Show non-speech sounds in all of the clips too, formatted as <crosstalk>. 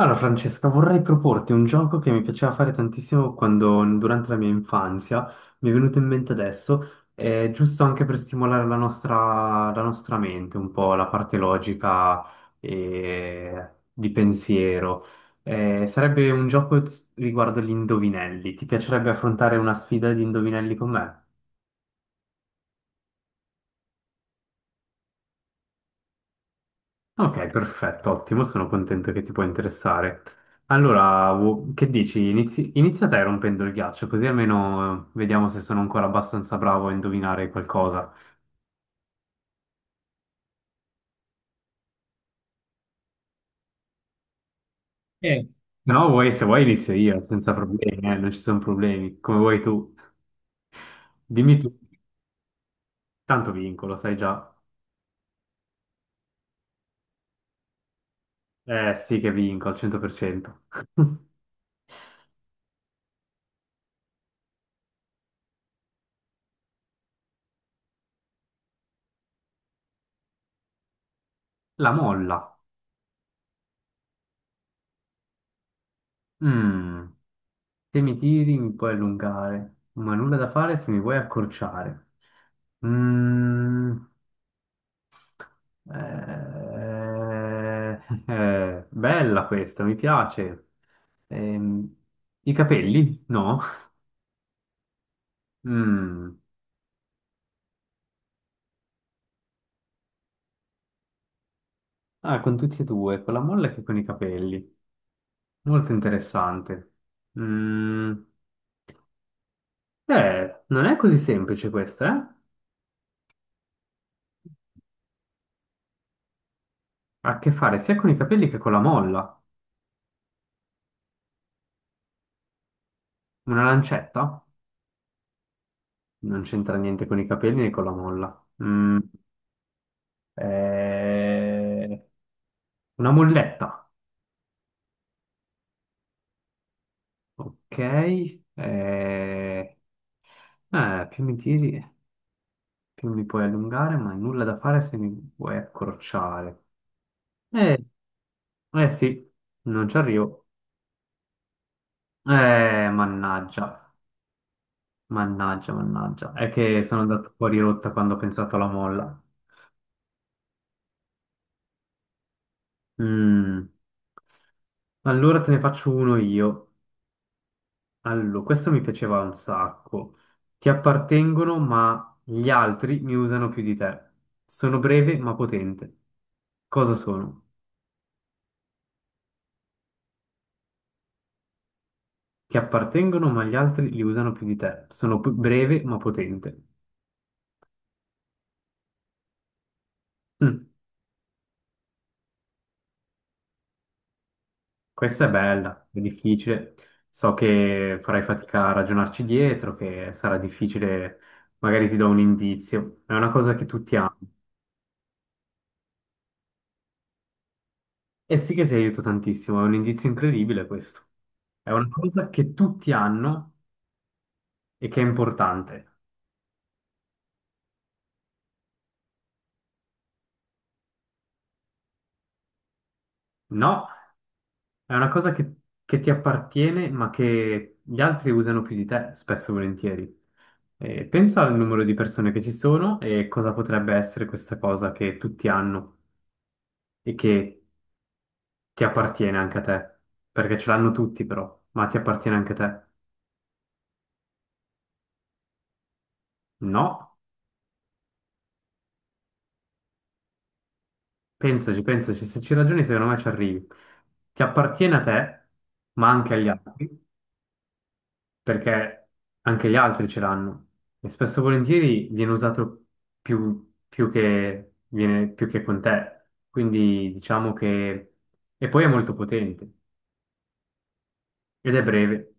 Allora, Francesca, vorrei proporti un gioco che mi piaceva fare tantissimo quando, durante la mia infanzia, mi è venuto in mente adesso, è giusto anche per stimolare la nostra mente, un po' la parte logica e di pensiero. Sarebbe un gioco riguardo gli indovinelli. Ti piacerebbe affrontare una sfida di indovinelli con me? Ok, perfetto, ottimo, sono contento che ti può interessare. Allora, che dici? Inizia te rompendo il ghiaccio, così almeno vediamo se sono ancora abbastanza bravo a indovinare qualcosa. Se No, se vuoi inizio io, senza problemi, non ci sono problemi, come vuoi tu. Dimmi tu, tanto vinco, lo sai già. Eh sì che vinco, al 100%. <laughs> La molla. Mm, Se mi tiri mi puoi allungare, ma nulla da fare se mi vuoi accorciare. Mm. Eh, bella questa, mi piace. Ehm, i capelli? No. Mm. Ah, con tutti e due, con la molla che con i capelli. Molto interessante. Mm. Non è così semplice questa, eh? Ha a che fare sia con i capelli che con la molla. Una lancetta? Non c'entra niente con i capelli né con la molla. Mm. Eh, una molletta. Ok. Eh, più mi tiri, più mi puoi allungare, ma nulla da fare se mi vuoi accorciare. Eh, eh sì, non ci arrivo. Eh, mannaggia, mannaggia. È che sono andato fuori rotta quando ho pensato alla molla. Mm, allora te ne faccio uno io. Allora, questo mi piaceva un sacco. Ti appartengono, ma gli altri mi usano più di te. Sono breve, ma potente. Cosa sono? Ti appartengono, ma gli altri li usano più di te. Sono breve, ma potente. Mm, questa è bella, è difficile. So che farai fatica a ragionarci dietro, che sarà difficile, magari ti do un indizio. È una cosa che tutti Mm. hanno. E sì che ti aiuto tantissimo, è un indizio incredibile questo. È una cosa che tutti hanno e che è importante. No? È una cosa che ti appartiene, ma che gli altri usano più di te, spesso e volentieri. Pensa al numero di persone che ci sono e cosa potrebbe essere questa cosa che tutti hanno e che ti appartiene anche a te. Perché ce l'hanno tutti, però, ma ti appartiene anche a te. No, pensaci, se ci ragioni, secondo me ci arrivi. Ti appartiene a te, ma anche agli altri. Perché anche gli altri ce l'hanno e spesso e volentieri viene usato più che con te, quindi diciamo che... e poi è molto potente ed è breve,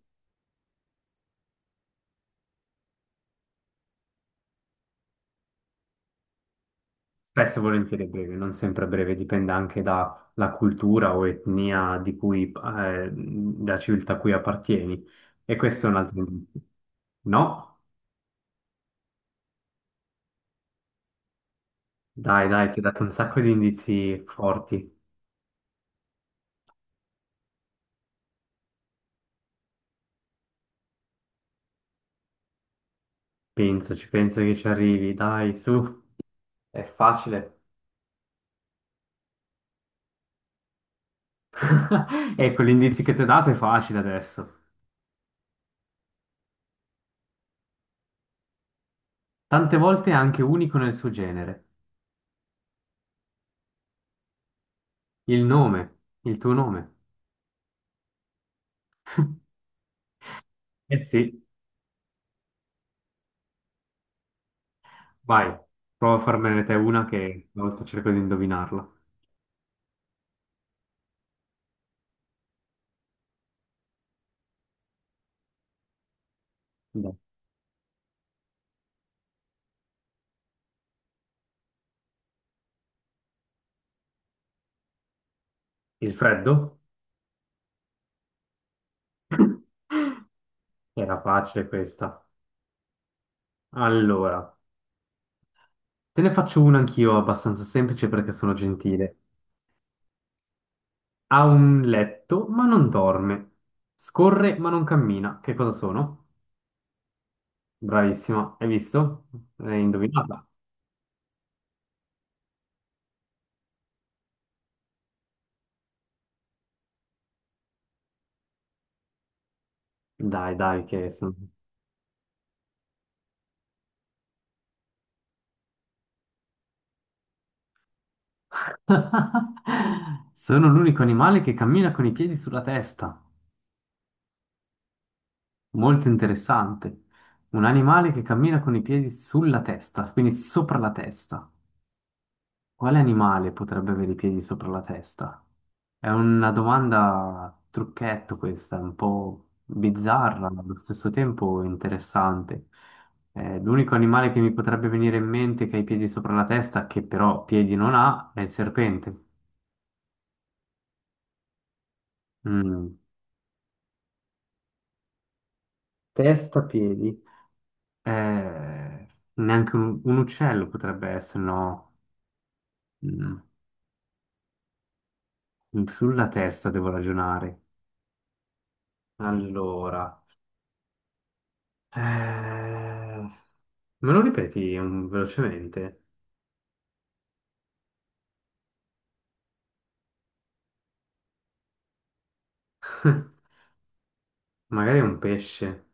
spesso e volentieri è breve, non sempre è breve, dipende anche dalla cultura o etnia di cui, da civiltà a cui appartieni e questo è un altro indizio. No, dai, ti ho dato un sacco di indizi forti, pensaci, pensa che ci arrivi, dai, su, è facile. <laughs> Ecco, l'indizio che ti ho dato è facile adesso. Tante volte è anche unico nel suo genere. Il nome, il tuo nome. <laughs> Eh sì, vai, prova a farmene te una che una volta cerco di indovinarla. Dai. Il freddo? <laughs> Era facile questa. Allora, te ne faccio una anch'io abbastanza semplice perché sono gentile. Ha un letto ma non dorme. Scorre ma non cammina. Che cosa sono? Bravissima, hai visto? Hai indovinata. Dai, che sono... <laughs> Sono l'unico animale che cammina con i piedi sulla testa. Molto interessante. Un animale che cammina con i piedi sulla testa, quindi sopra la testa. Quale animale potrebbe avere i piedi sopra la testa? È una domanda trucchetto questa, un po' bizzarra, ma allo stesso tempo interessante. L'unico animale che mi potrebbe venire in mente che ha i piedi sopra la testa, che però piedi non ha, è il serpente. Mm. Testa, piedi. Eh, neanche un uccello potrebbe essere, no? Mm, sulla testa devo ragionare. Allora, eh, me lo ripeti velocemente? <laughs> Magari è un pesce.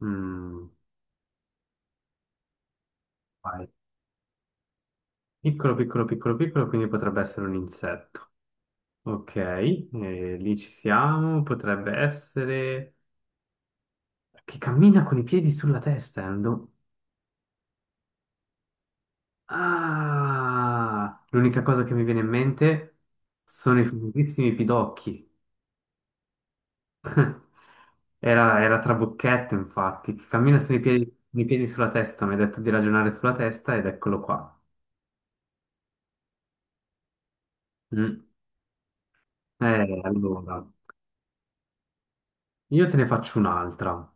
Mm, vai. Piccolo, piccolo, piccolo, piccolo, quindi potrebbe essere un insetto. Ok, lì ci siamo. Potrebbe essere che cammina con i piedi sulla testa. Ah, l'unica cosa che mi viene in mente sono i famosissimi pidocchi. Era Trabocchetto, infatti, che cammina sui piedi sulla testa. Mi ha detto di ragionare sulla testa ed eccolo qua. Mm. Allora, io te ne faccio un'altra.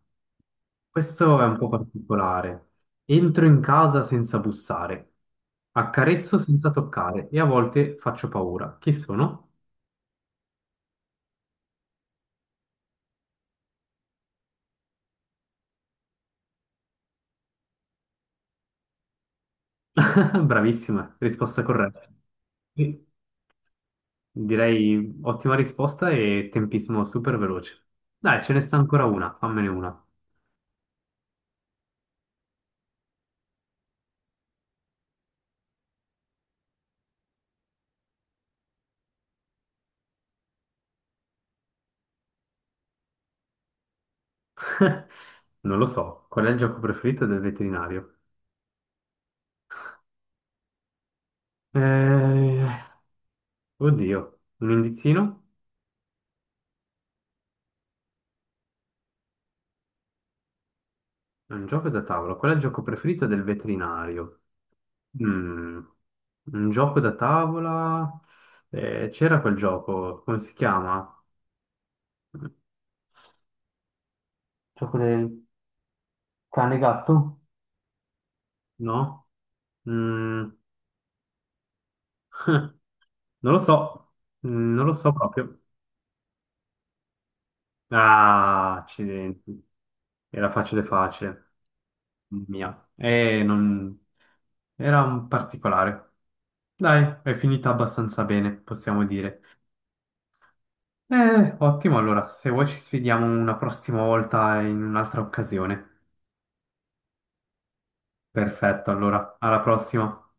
Questo è un po' particolare. Entro in casa senza bussare, accarezzo senza toccare e a volte faccio paura. Chi sono? <laughs> Bravissima, risposta corretta. Sì. Direi ottima risposta e tempismo super veloce. Dai, ce ne sta ancora una, fammene una. <laughs> Non lo so, qual è il gioco preferito del veterinario? Eh, oddio, un indizino? È un gioco da tavola. Qual è il gioco preferito del veterinario? Mm, un gioco da tavola? C'era quel gioco, come si chiama? Gioco del cane gatto? No? Mm, non lo so, mm, non lo so proprio. Ah, accidenti. Era facile facile. Mia. E non... Era un particolare. Dai, è finita abbastanza bene, possiamo dire. Ottimo, allora, se vuoi ci sfidiamo una prossima volta in un'altra occasione. Perfetto, allora, alla prossima.